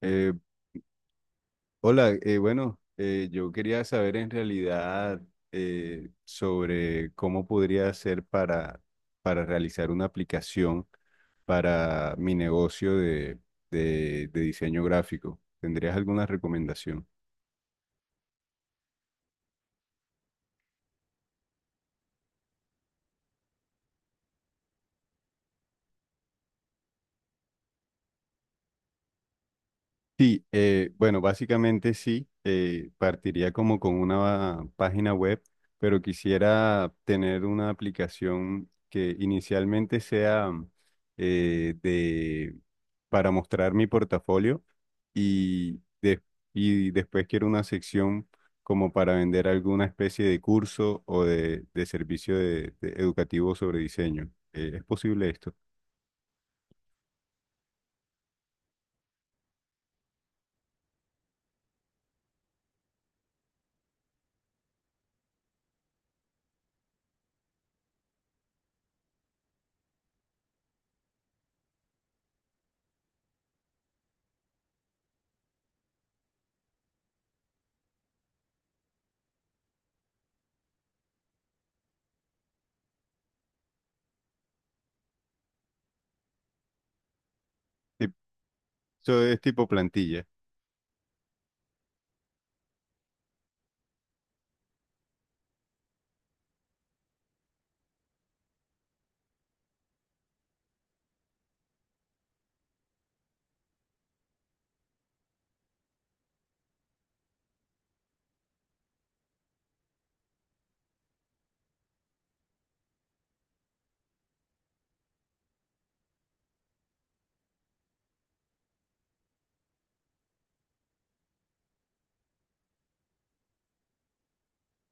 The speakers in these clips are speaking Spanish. Eh, Hola, bueno, yo quería saber en realidad sobre cómo podría hacer para realizar una aplicación para mi negocio de diseño gráfico. ¿Tendrías alguna recomendación? Sí, bueno, básicamente sí, partiría como con una página web, pero quisiera tener una aplicación que inicialmente sea eh, de, para mostrar mi portafolio y, des- y después quiero una sección como para vender alguna especie de curso o de servicio de educativo sobre diseño. ¿Es posible esto? Tip- Eso es tipo plantilla.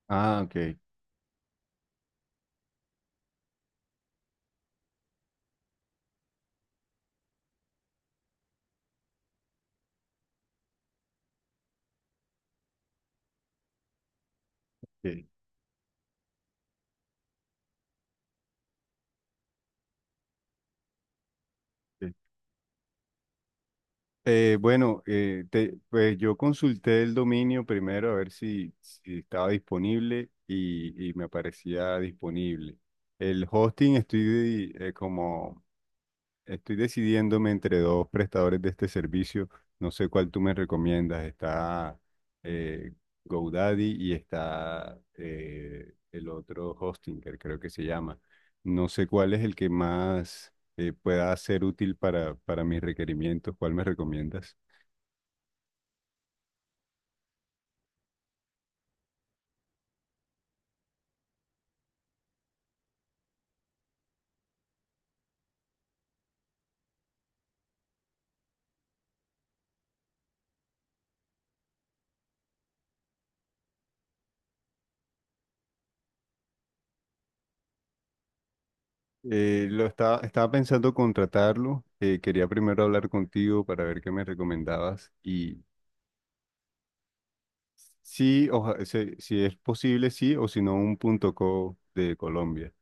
Ah, ok. Ok, ok. Bueno, pues yo consulté el dominio primero a ver si estaba disponible y me aparecía disponible. El hosting estoy como estoy decidiéndome entre dos prestadores de este servicio. No sé cuál tú me recomiendas. Está eh, GoDaddy y está el otro Hostinger, creo que se llama. No sé cuál es el que más pueda ser útil para mis requerimientos. ¿Cuál me recomiendas? Estaba pensando contratarlo. Quería primero hablar contigo para ver qué me recomendabas. Y sí, si es posible, sí, o si no, un punto co de Colombia.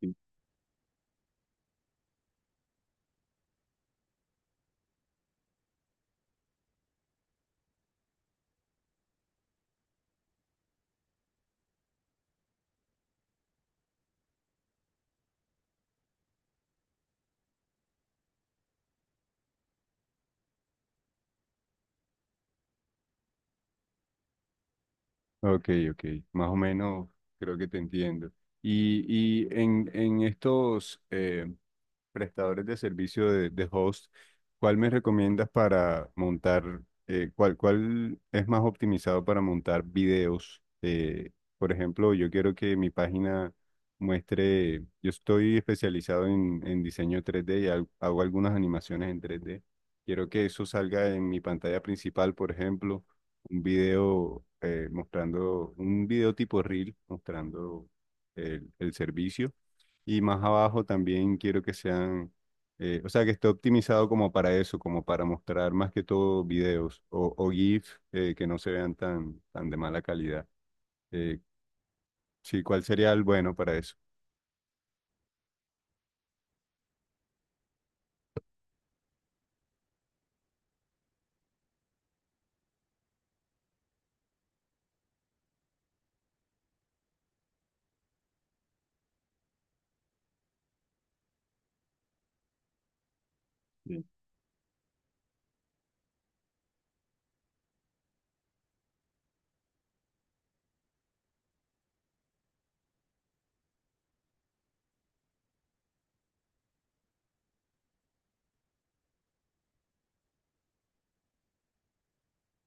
Sí. Ok, ok. Más o menos creo que te entiendo. En estos prestadores de servicio de host, ¿cuál me recomiendas para montar, cuál es más optimizado para montar videos? Por ejemplo, yo quiero que mi página muestre, yo estoy especializado en diseño 3D hago algunas animaciones en 3D. Quiero que eso salga en mi pantalla principal, por ejemplo, un video mostrando, un video tipo reel mostrando el servicio. Y más abajo también quiero que sean, o sea, que esté optimizado como para eso, como para mostrar más que todo videos o GIF que no se vean tan de mala calidad. Eh, sí, ¿cuál sería el bueno para eso?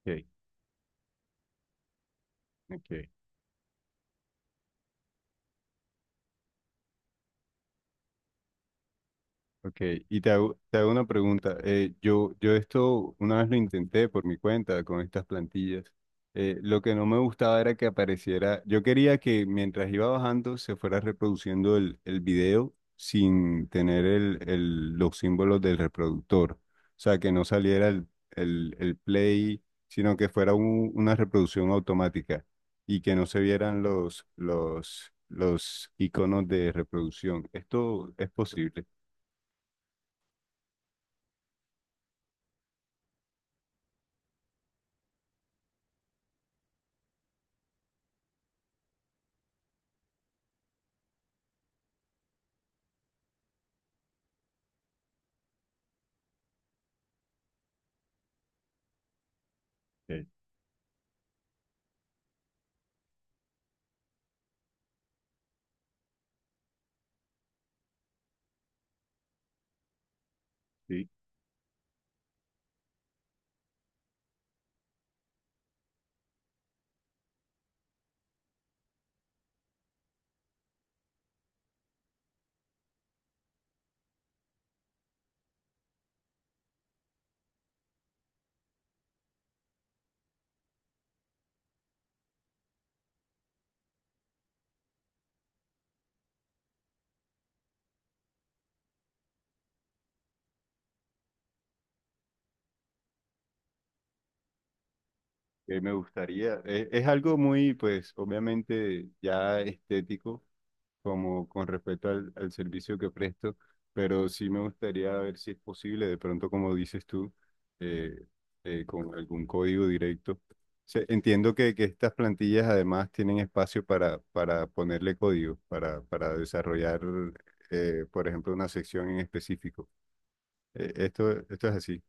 Ok, ok. Ok, te hago una pregunta. Yo esto una vez lo intenté por mi cuenta con estas plantillas. Lo que no me gustaba era que apareciera, yo quería que mientras iba bajando se fuera reproduciendo el video sin tener los símbolos del reproductor. O sea, que no saliera el play, sino que una reproducción automática y que no se vieran los iconos de reproducción. ¿Esto es posible? Sí, que me gustaría, es algo muy, pues, obviamente ya estético, como con respecto al servicio que presto, pero sí me gustaría ver si es posible, de pronto, como dices tú, eh, con algún código directo. Entiendo que estas plantillas además tienen espacio para ponerle código, para desarrollar, por ejemplo, una sección en específico. Esto es así.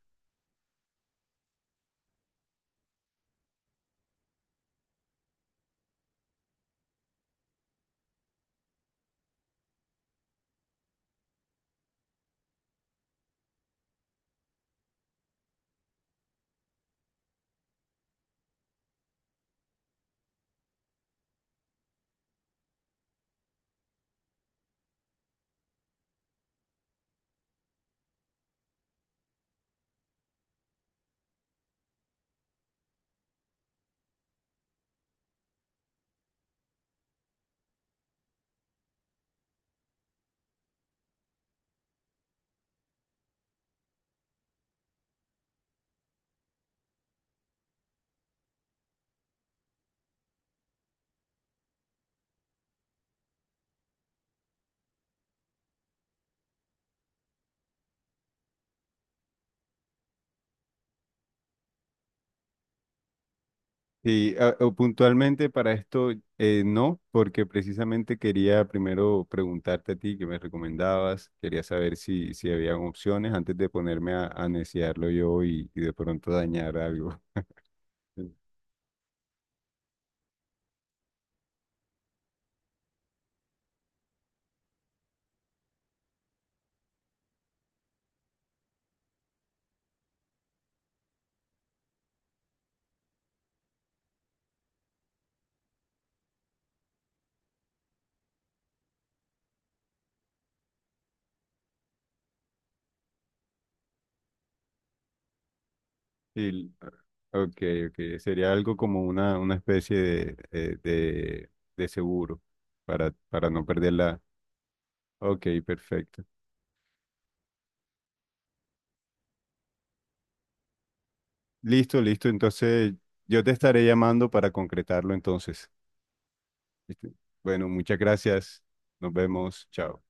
Sí, o puntualmente para esto no, porque precisamente quería primero preguntarte a ti que me recomendabas, quería saber si había opciones antes de ponerme a neciarlo yo y de pronto dañar algo. Sí, ok, ok, sería algo como una especie de seguro para no perderla. Ok, perfecto. Listo, listo, entonces yo te estaré llamando para concretarlo entonces. Listo. Bueno, muchas gracias. Nos vemos. Chao.